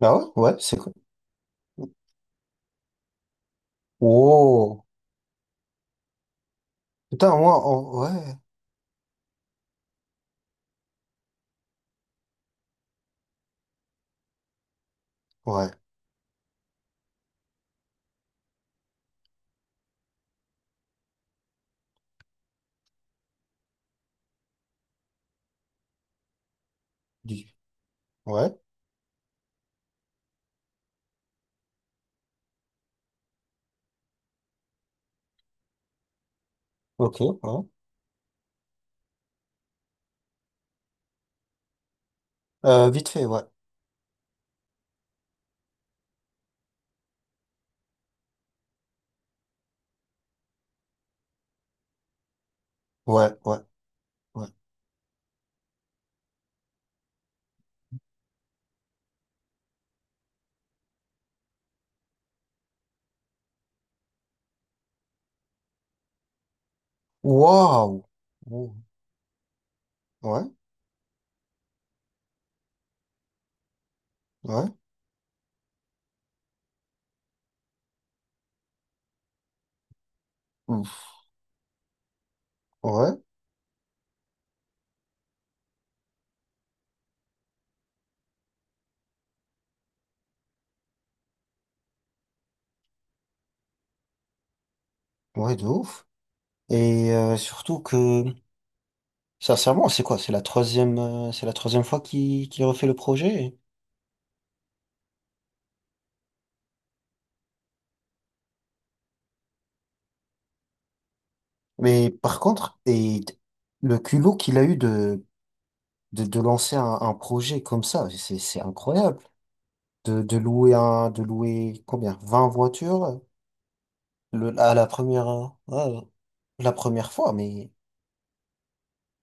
Ouais, ouais, c'est cool. Oh, putain, moi, ouais, ouais, du- ouais, ok, ouais. Vite fait, ouais, ouais, ouais, ouais. Waouh! Oh, ouais, ouais, ouf, ouais, ouais, de ouf. Et surtout que, sincèrement, c'est quoi? C'est la troisième fois qu'il refait le projet. Mais par contre, et le culot qu'il a eu de lancer un projet comme ça, c'est incroyable. De louer un, de louer combien? Vingt voitures le, à la première, ouais, la première fois, mais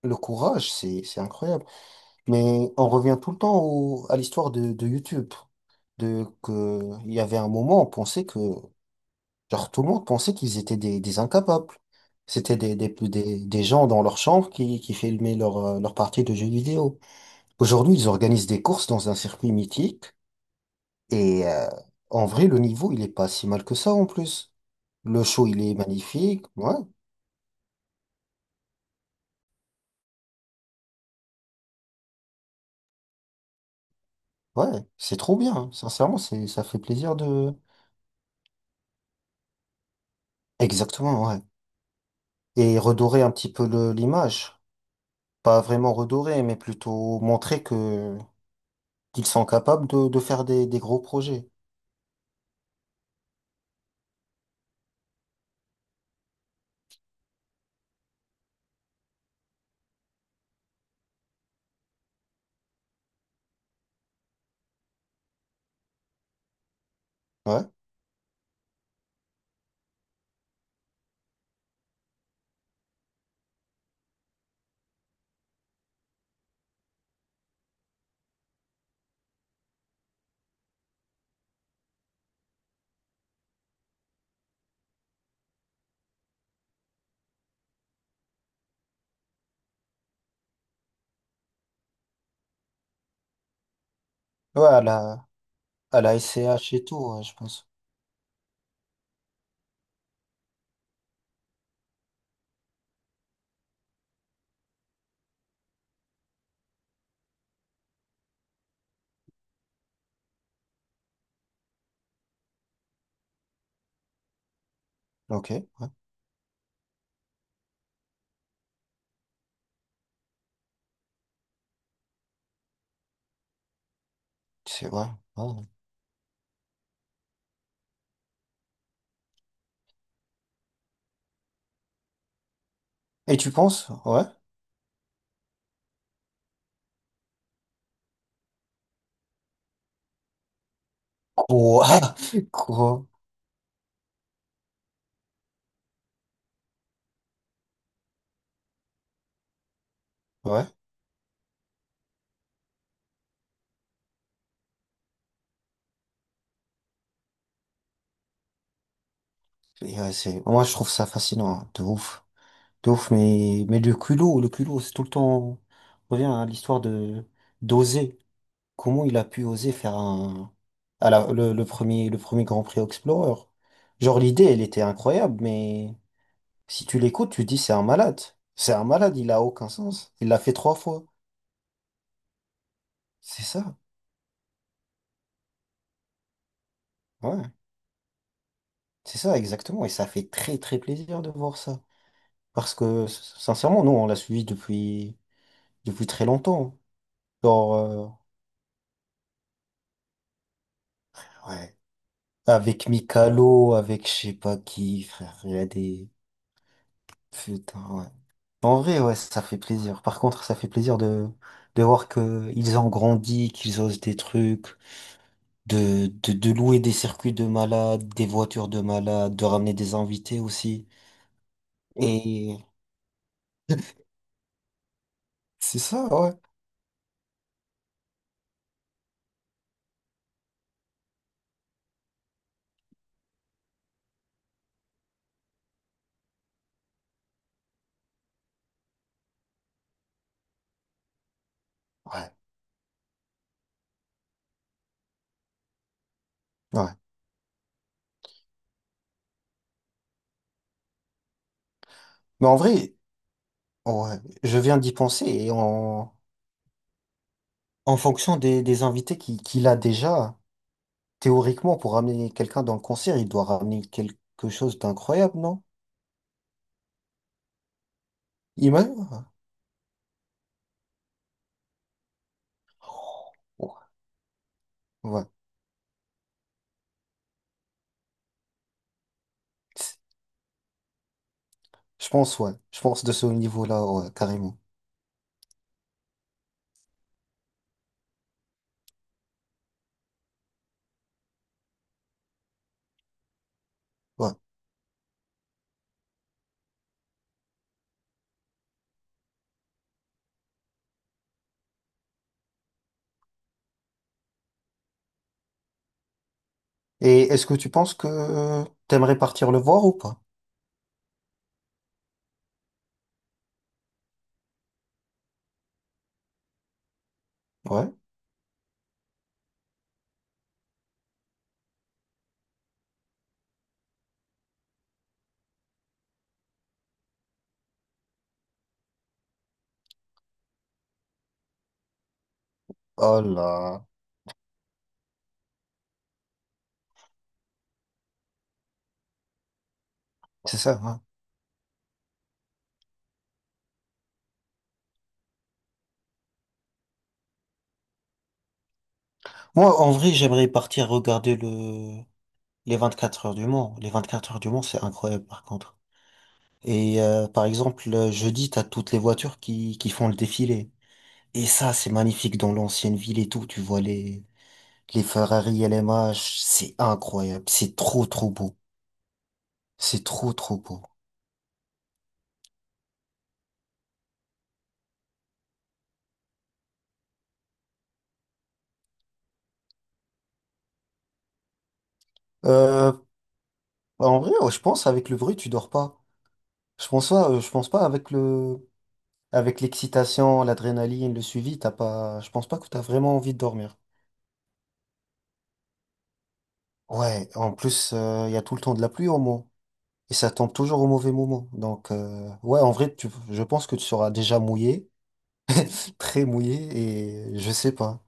le courage, c'est incroyable. Mais on revient tout le temps à l'histoire de YouTube. De, que, il y avait un moment, on pensait que, genre, tout le monde pensait qu'ils étaient des incapables. C'était des gens dans leur chambre qui filmaient leur, leur partie de jeux vidéo. Aujourd'hui, ils organisent des courses dans un circuit mythique et, en vrai, le niveau, il est pas si mal que ça en plus. Le show, il est magnifique. Ouais, ouais, c'est trop bien. Sincèrement, c'est, ça fait plaisir de... Exactement, ouais. Et redorer un petit peu l'image. Pas vraiment redorer, mais plutôt montrer que qu'ils sont capables de faire des gros projets. Ouais. Ouais, à la SCH et tout, ouais, je pense. Ok, ouais. C'est vrai. Ouais. Et tu penses? Ouais. Quoi? Quoi? Ouais. Et, ouais, c'est, moi, je trouve ça fascinant, hein, de ouf. De ouf, mais le culot, c'est tout le temps, on revient à l'histoire de, d'oser. Comment il a pu oser faire un, le premier Grand Prix Explorer? Genre, l'idée, elle était incroyable, mais si tu l'écoutes, tu dis, c'est un malade. C'est un malade, il a aucun sens. Il l'a fait trois fois. C'est ça. Ouais. C'est ça, exactement. Et ça fait très, très plaisir de voir ça. Parce que, sincèrement, nous, on l'a suivi depuis, depuis très longtemps. Genre, ouais. Avec Mikalo, avec je sais pas qui, frère, il y a des... Putain, ouais. En vrai, ouais, ça fait plaisir. Par contre, ça fait plaisir de voir que ils ont grandi, qu'ils osent des trucs, de louer des circuits de malades, des voitures de malades, de ramener des invités aussi. Et c'est ça, ouais. Ouais, ouais. Mais en vrai, ouais, je viens d'y penser et en, en fonction des invités qu'il a déjà. Théoriquement, pour ramener quelqu'un dans le concert, il doit ramener quelque chose d'incroyable, non? Imagine? Ouais. Ouais. Ouais. Je pense, ouais. Je pense de ce niveau-là, ouais, carrément. Ouais. Et est-ce que tu penses que t'aimerais partir le voir ou pas? Ouais. Oh là. C'est ça, hein. Moi, en vrai, j'aimerais partir regarder le... les 24 Heures du Mans. Les 24 heures du Mans, c'est incroyable, par contre. Et par exemple, le jeudi, t'as toutes les voitures qui font le défilé. Et ça, c'est magnifique dans l'ancienne ville et tout. Tu vois les Ferrari LMH, c'est incroyable. C'est trop, trop beau. C'est trop, trop beau. Euh, En vrai, ouais, je pense avec le bruit, tu dors pas. Je pense pas, je pense pas avec le, avec l'excitation, l'adrénaline, le suivi, t'as pas, je pense pas que t'as vraiment envie de dormir. Ouais, en plus, il y a tout le temps de la pluie au moment. Et ça tombe toujours au mauvais moment. Donc, ouais, en vrai, tu, je pense que tu seras déjà mouillé, très mouillé, et je sais pas.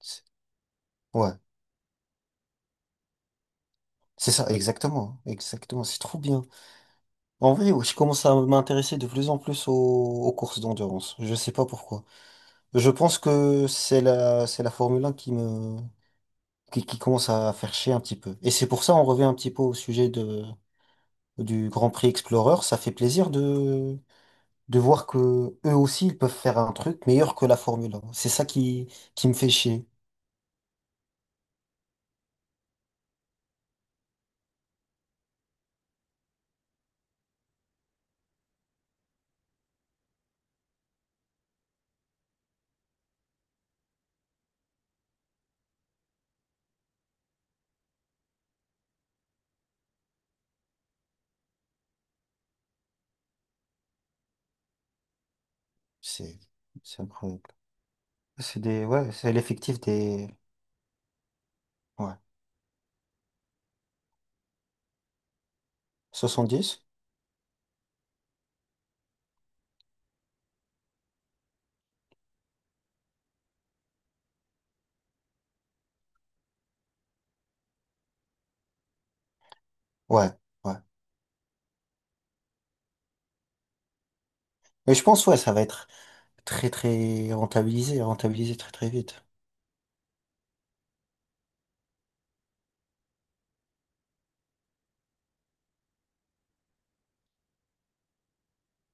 C'est- Ouais, c'est ça, exactement. Exactement, c'est trop bien. En vrai, ouais, je commence à m'intéresser de plus en plus aux, aux courses d'endurance. Je sais pas pourquoi. Je pense que c'est la Formule 1 qui me, qui commence à faire chier un petit peu. Et c'est pour ça, on revient un petit peu au sujet de, du Grand Prix Explorer. Ça fait plaisir de voir que eux aussi, ils peuvent faire un truc meilleur que la Formule 1. C'est ça qui me fait chier. C'est, c'est incroyable. C'est des, ouais, c'est l'effectif des, ouais, 70. Ouais, ouais. Mais je pense, ouais, ça va être, très très rentabilisé, rentabilisé très très vite.